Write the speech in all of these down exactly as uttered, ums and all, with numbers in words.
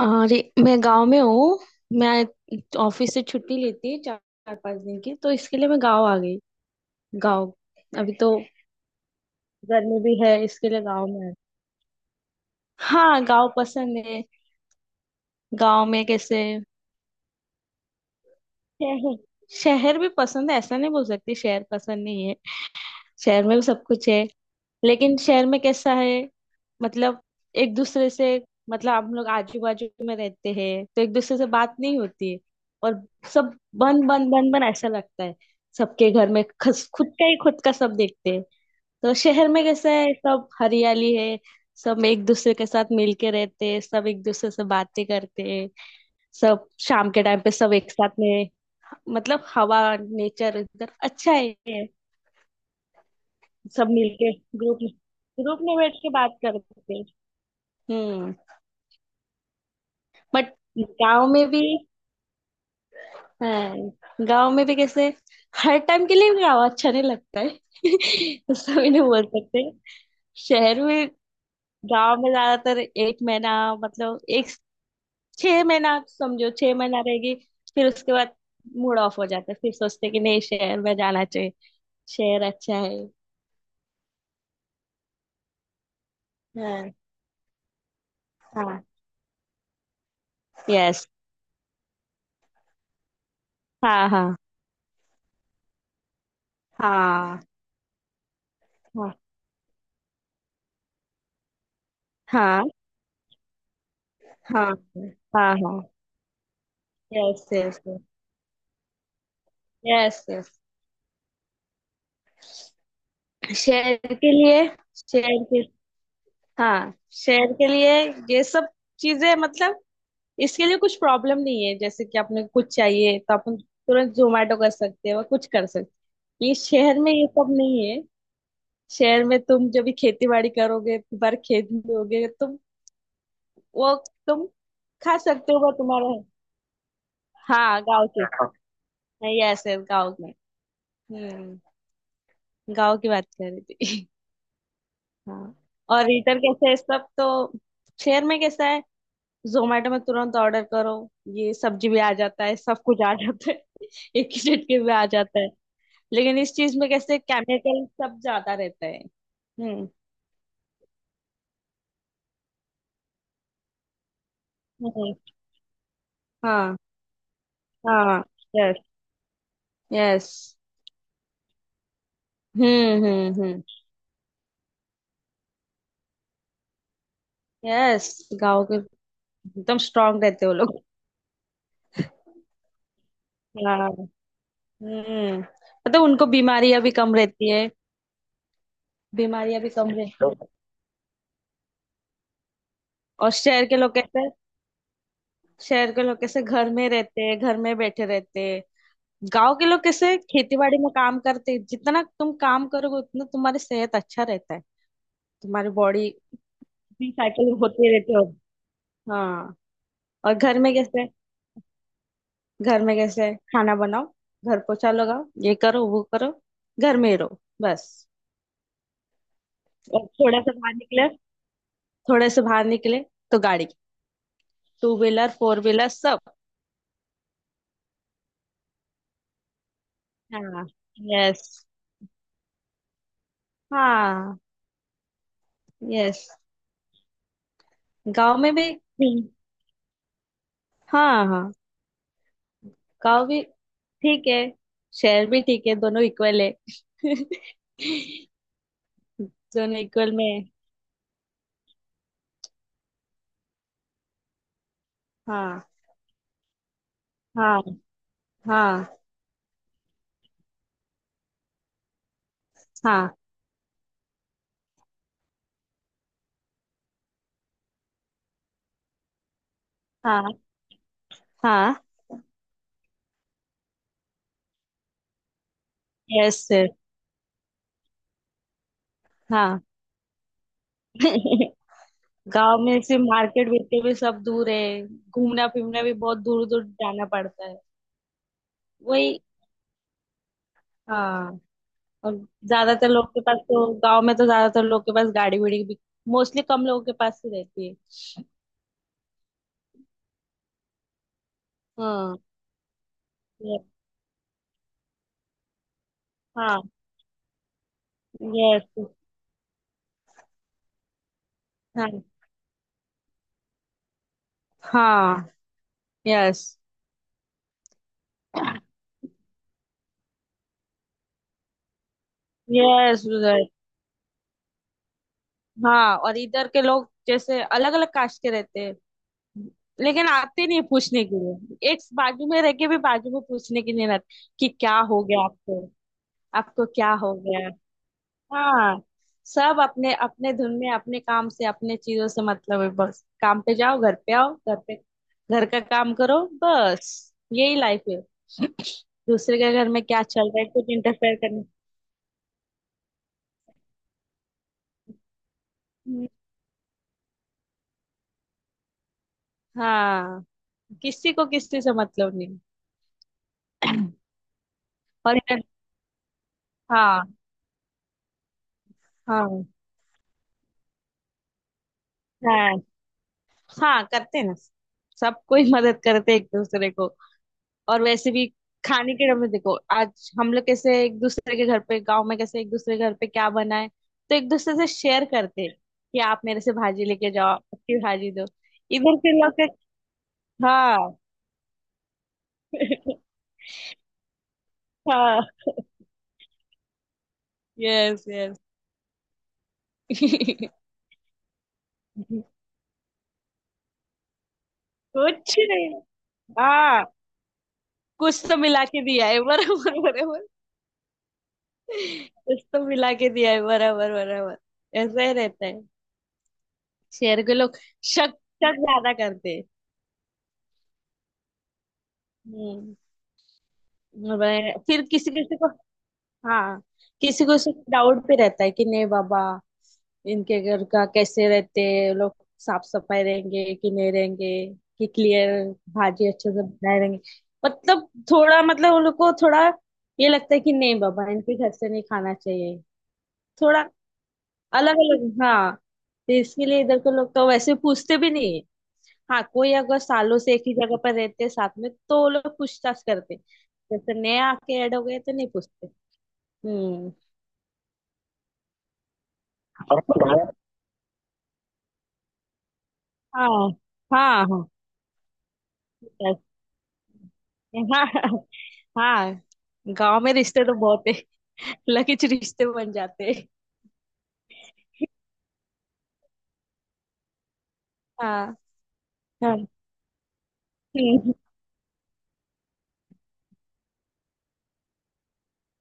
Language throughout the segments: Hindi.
अरे। मैं गांव में हूँ। मैं ऑफिस से छुट्टी लेती है चार चार पांच दिन की, तो इसके लिए मैं गांव आ गई। गांव। अभी तो गर्मी भी है, इसके लिए गांव में आ- हाँ, गांव पसंद है। गांव में कैसे। शहर। शहर भी पसंद है, ऐसा नहीं बोल सकती शहर पसंद नहीं है। शहर में भी सब कुछ है। लेकिन शहर में कैसा है। मतलब एक दूसरे से। मतलब हम लोग आजू बाजू में रहते हैं तो एक दूसरे से बात नहीं होती है। और सब बंद बंद बंद बंद ऐसा लगता है। सबके घर में खस, खुद का ही खुद का सब देखते हैं। तो शहर में कैसा है, सब हरियाली है। सब एक दूसरे के साथ मिलके रहते हैं, सब एक दूसरे से बातें करते हैं। सब शाम के टाइम पे सब एक साथ में। मतलब हवा नेचर इधर अच्छा है। सब मिलके ग्रुप में ग्रुप में बैठ के बात करते हैं। हम्म। बट गांव में भी। हाँ, गांव में भी कैसे। हर टाइम के लिए गांव अच्छा नहीं लगता है। उसका भी नहीं बोल सकते। शहर में। गांव में ज्यादातर एक महीना। मतलब एक छह महीना समझो, छह महीना रहेगी। फिर उसके बाद मूड ऑफ हो जाता है। फिर सोचते हैं कि नहीं, शहर में जाना चाहिए। शहर अच्छा है। हाँ, हाँ। यस। हाँ, हाँ, हाँ, हाँ, हाँ, हाँ, हाँ, हाँ। Yes, yes, yes. शेर के लिए। शेर के हाँ, शेर के लिए। ये सब चीजें मतलब इसके लिए कुछ प्रॉब्लम नहीं है। जैसे कि आपने कुछ चाहिए तो अपन तुरंत जोमेटो कर सकते हैं और कुछ कर सकते हैं। ये शहर में ये सब नहीं है। शहर में तुम जब भी खेती बाड़ी करोगे, बार खेत में होगे तुम, वो तुम खा सकते हो, वो तुम्हारा है। हाँ, गाँव के, हाँ। नहीं, ऐसे गाँव में। हम्म। गाँव की बात कर रही थी। हाँ। और रीटर कैसे है सब तो। शहर में कैसा है। जोमेटो में तुरंत ऑर्डर करो, ये सब्जी भी आ जाता है, सब कुछ आ जाता है। एक ही झटके में आ जाता है। लेकिन इस चीज में कैसे केमिकल सब ज्यादा रहता है। हम्म। हम्म। हाँ, हाँ। Yes, yes. हम्म, हम्म, हम्म। यस, गाँव के एकदम स्ट्रांग रहते हो लोग। हाँ। हम्म। मतलब उनको बीमारियां भी कम रहती है। बीमारियां भी कम रहती है। और शहर के लोग कैसे शहर के लोग कैसे घर में रहते हैं, घर में बैठे रहते हैं। गांव के लोग कैसे खेती बाड़ी में काम करते हैं। जितना तुम काम करोगे उतना तुम्हारी सेहत अच्छा रहता है, तुम्हारी बॉडी साइकिल होते रहते हो। हाँ। और घर में कैसे। घर में कैसे खाना बनाओ, घर पोछा लगाओ, ये करो वो करो, घर में ही रहो बस। और थोड़ा सा बाहर निकले थोड़े से बाहर निकले तो गाड़ी, टू व्हीलर फोर व्हीलर सब। हाँ। यस। हाँ। यस। गांव में भी हम्म, हाँ, हाँ। गाँव भी ठीक है, शहर भी ठीक है, दोनों इक्वल है। दोनों इक्वल में है। हाँ, हाँ, हाँ, हाँ, हाँ, हाँ। Yes sir. हाँ। गांव में से मार्केट बिकते भी सब दूर है, घूमना फिरना भी बहुत दूर दूर जाना पड़ता है। वही। हाँ। और ज्यादातर लोग के पास तो, गांव में तो ज्यादातर लोग के पास गाड़ी वाड़ी भी मोस्टली कम लोगों के पास ही रहती है। हाँ। ये- हाँ। यस। हाँ, हाँ। Yes, yes, Vijay. हाँ और इधर के लोग जैसे अलग अलग कास्ट के रहते हैं। लेकिन आते नहीं पूछने के लिए, एक बाजू में रह के भी बाजू में पूछने के लिए नहीं आते कि क्या हो गया आपको, आपको क्या हो गया। हाँ, सब अपने अपने धुन में अपने काम से अपने चीजों से मतलब है, बस काम पे जाओ घर पे आओ, घर पे घर का काम करो बस, यही लाइफ है। दूसरे के घर में क्या चल रहा है कुछ इंटरफेयर करने। हाँ, किसी को किसी से मतलब नहीं। और इधर। हाँ, हाँ, हाँ, हाँ करते हैं ना। सब कोई मदद करते हैं एक दूसरे को। और वैसे भी खाने के डर में देखो, आज हम लोग कैसे एक दूसरे के घर पे, गांव में कैसे एक दूसरे के घर पे क्या बनाए तो एक दूसरे से शेयर करते हैं कि आप मेरे से भाजी लेके जाओ, आपकी भाजी दो। इधर के लोग के- हाँ। हाँ। Yes, yes. कुछ नहीं। हाँ, कुछ तो मिला के दिया है बराबर बराबर। इसको मिला के दिया है बराबर बराबर, ऐसा ही रहता है। शहर के लोग शक, शक ज्यादा करते हैं। हम्म। वह- फिर किसी किसी को। हाँ, किसी को डाउट पे रहता है कि नहीं बाबा इनके घर का कैसे रहते हैं लोग, साफ सफाई रहेंगे कि नहीं रहेंगे, कि क्लियर भाजी अच्छे से बनाए रहेंगे। मतलब थोड़ा, मतलब उन लोग को थोड़ा ये लगता है कि नहीं बाबा इनके घर से नहीं खाना चाहिए। थोड़ा अलग अलग। हाँ, तो इसके लिए इधर के लोग तो वैसे पूछते भी नहीं है। हाँ, कोई अगर सालों से एक ही जगह पर रहते हैं साथ में तो वो लोग पूछताछ करते हैं। जैसे नए आके ऐड हो गए तो नहीं पूछते। हम्म। और बताओ। हाँ, हाँ, हाँ, हाँ। हाँ। गांव में रिश्ते तो बहुत है, लकीच रिश्ते बन जाते हैं। हाँ, हाँ। हम्म,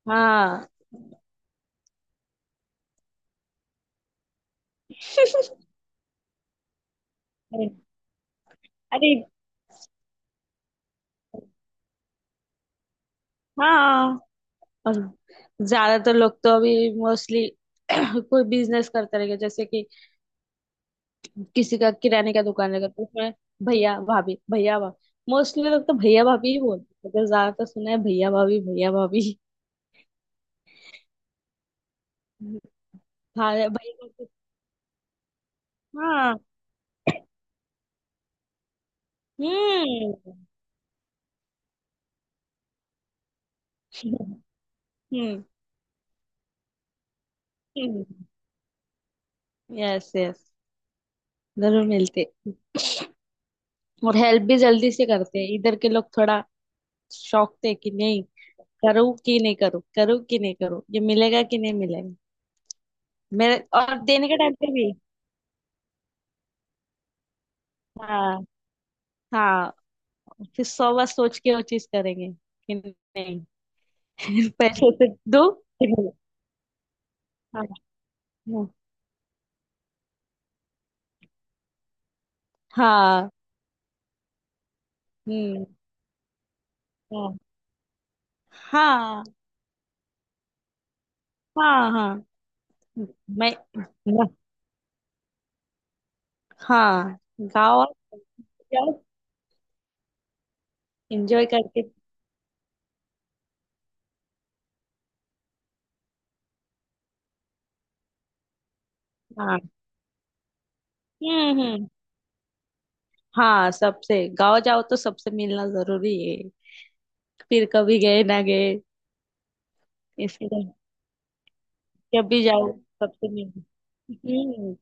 हाँ। अरे। हाँ। और ज्यादातर लोग तो अभी मोस्टली कोई बिजनेस करते रहेंगे, जैसे कि किसी का किराने का दुकान लगा तो उसमें भैया भाभी भैया भाभी, मोस्टली लोग तो भैया भाभी ही बोलते हैं, तो ज्यादातर सुना है भैया भाभी भैया भाभी। भा- भैया भाभी। हाँ। हम्म, हम्म। यस, यस, जरूर मिलते। और हेल्प भी जल्दी से करते हैं इधर के लोग थोड़ा। शौक थे कि नहीं, करूँ कि नहीं करूँ, करूँ कि नहीं करूँ, ये मिलेगा कि नहीं मिलेगा। मेरे और देने के टाइम पे भी। हाँ, हाँ। फिर सौ बार सोच के वो चीज करेंगे कि नहीं। पैसे से दो फिर नहीं। हाँ, हाँ, हाँ। हम्म। हाँ, हाँ, हाँ, हाँ। मैं मैं- हाँ, गाँव आओ, जाओ, एंजॉय करके। हाँ। हम्म, हम्म। हाँ, सबसे गाँव जाओ तो सबसे मिलना जरूरी है, फिर कभी गए ना गए, इसलिए जब भी जाओ सबसे मिलना। हम्म।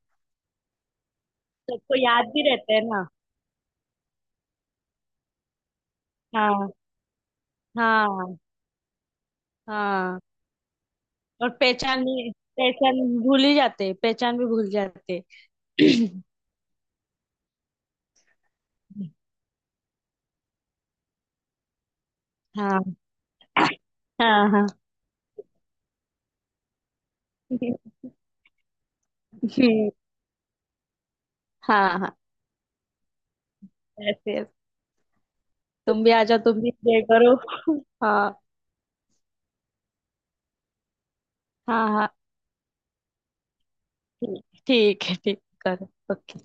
सबको याद भी रहता है ना। हाँ, हाँ, हाँ। और पहचान भी, पहचान भूल ही जाते, पहचान भी भूल जाते। हाँ, हाँ, हाँ। हम्म, हाँ, हाँ, ऐसे। तुम भी आ जाओ, तुम भी प्रे करो। हाँ, हाँ, हाँ। ठीक ठीक है, ठीक करो। ओके।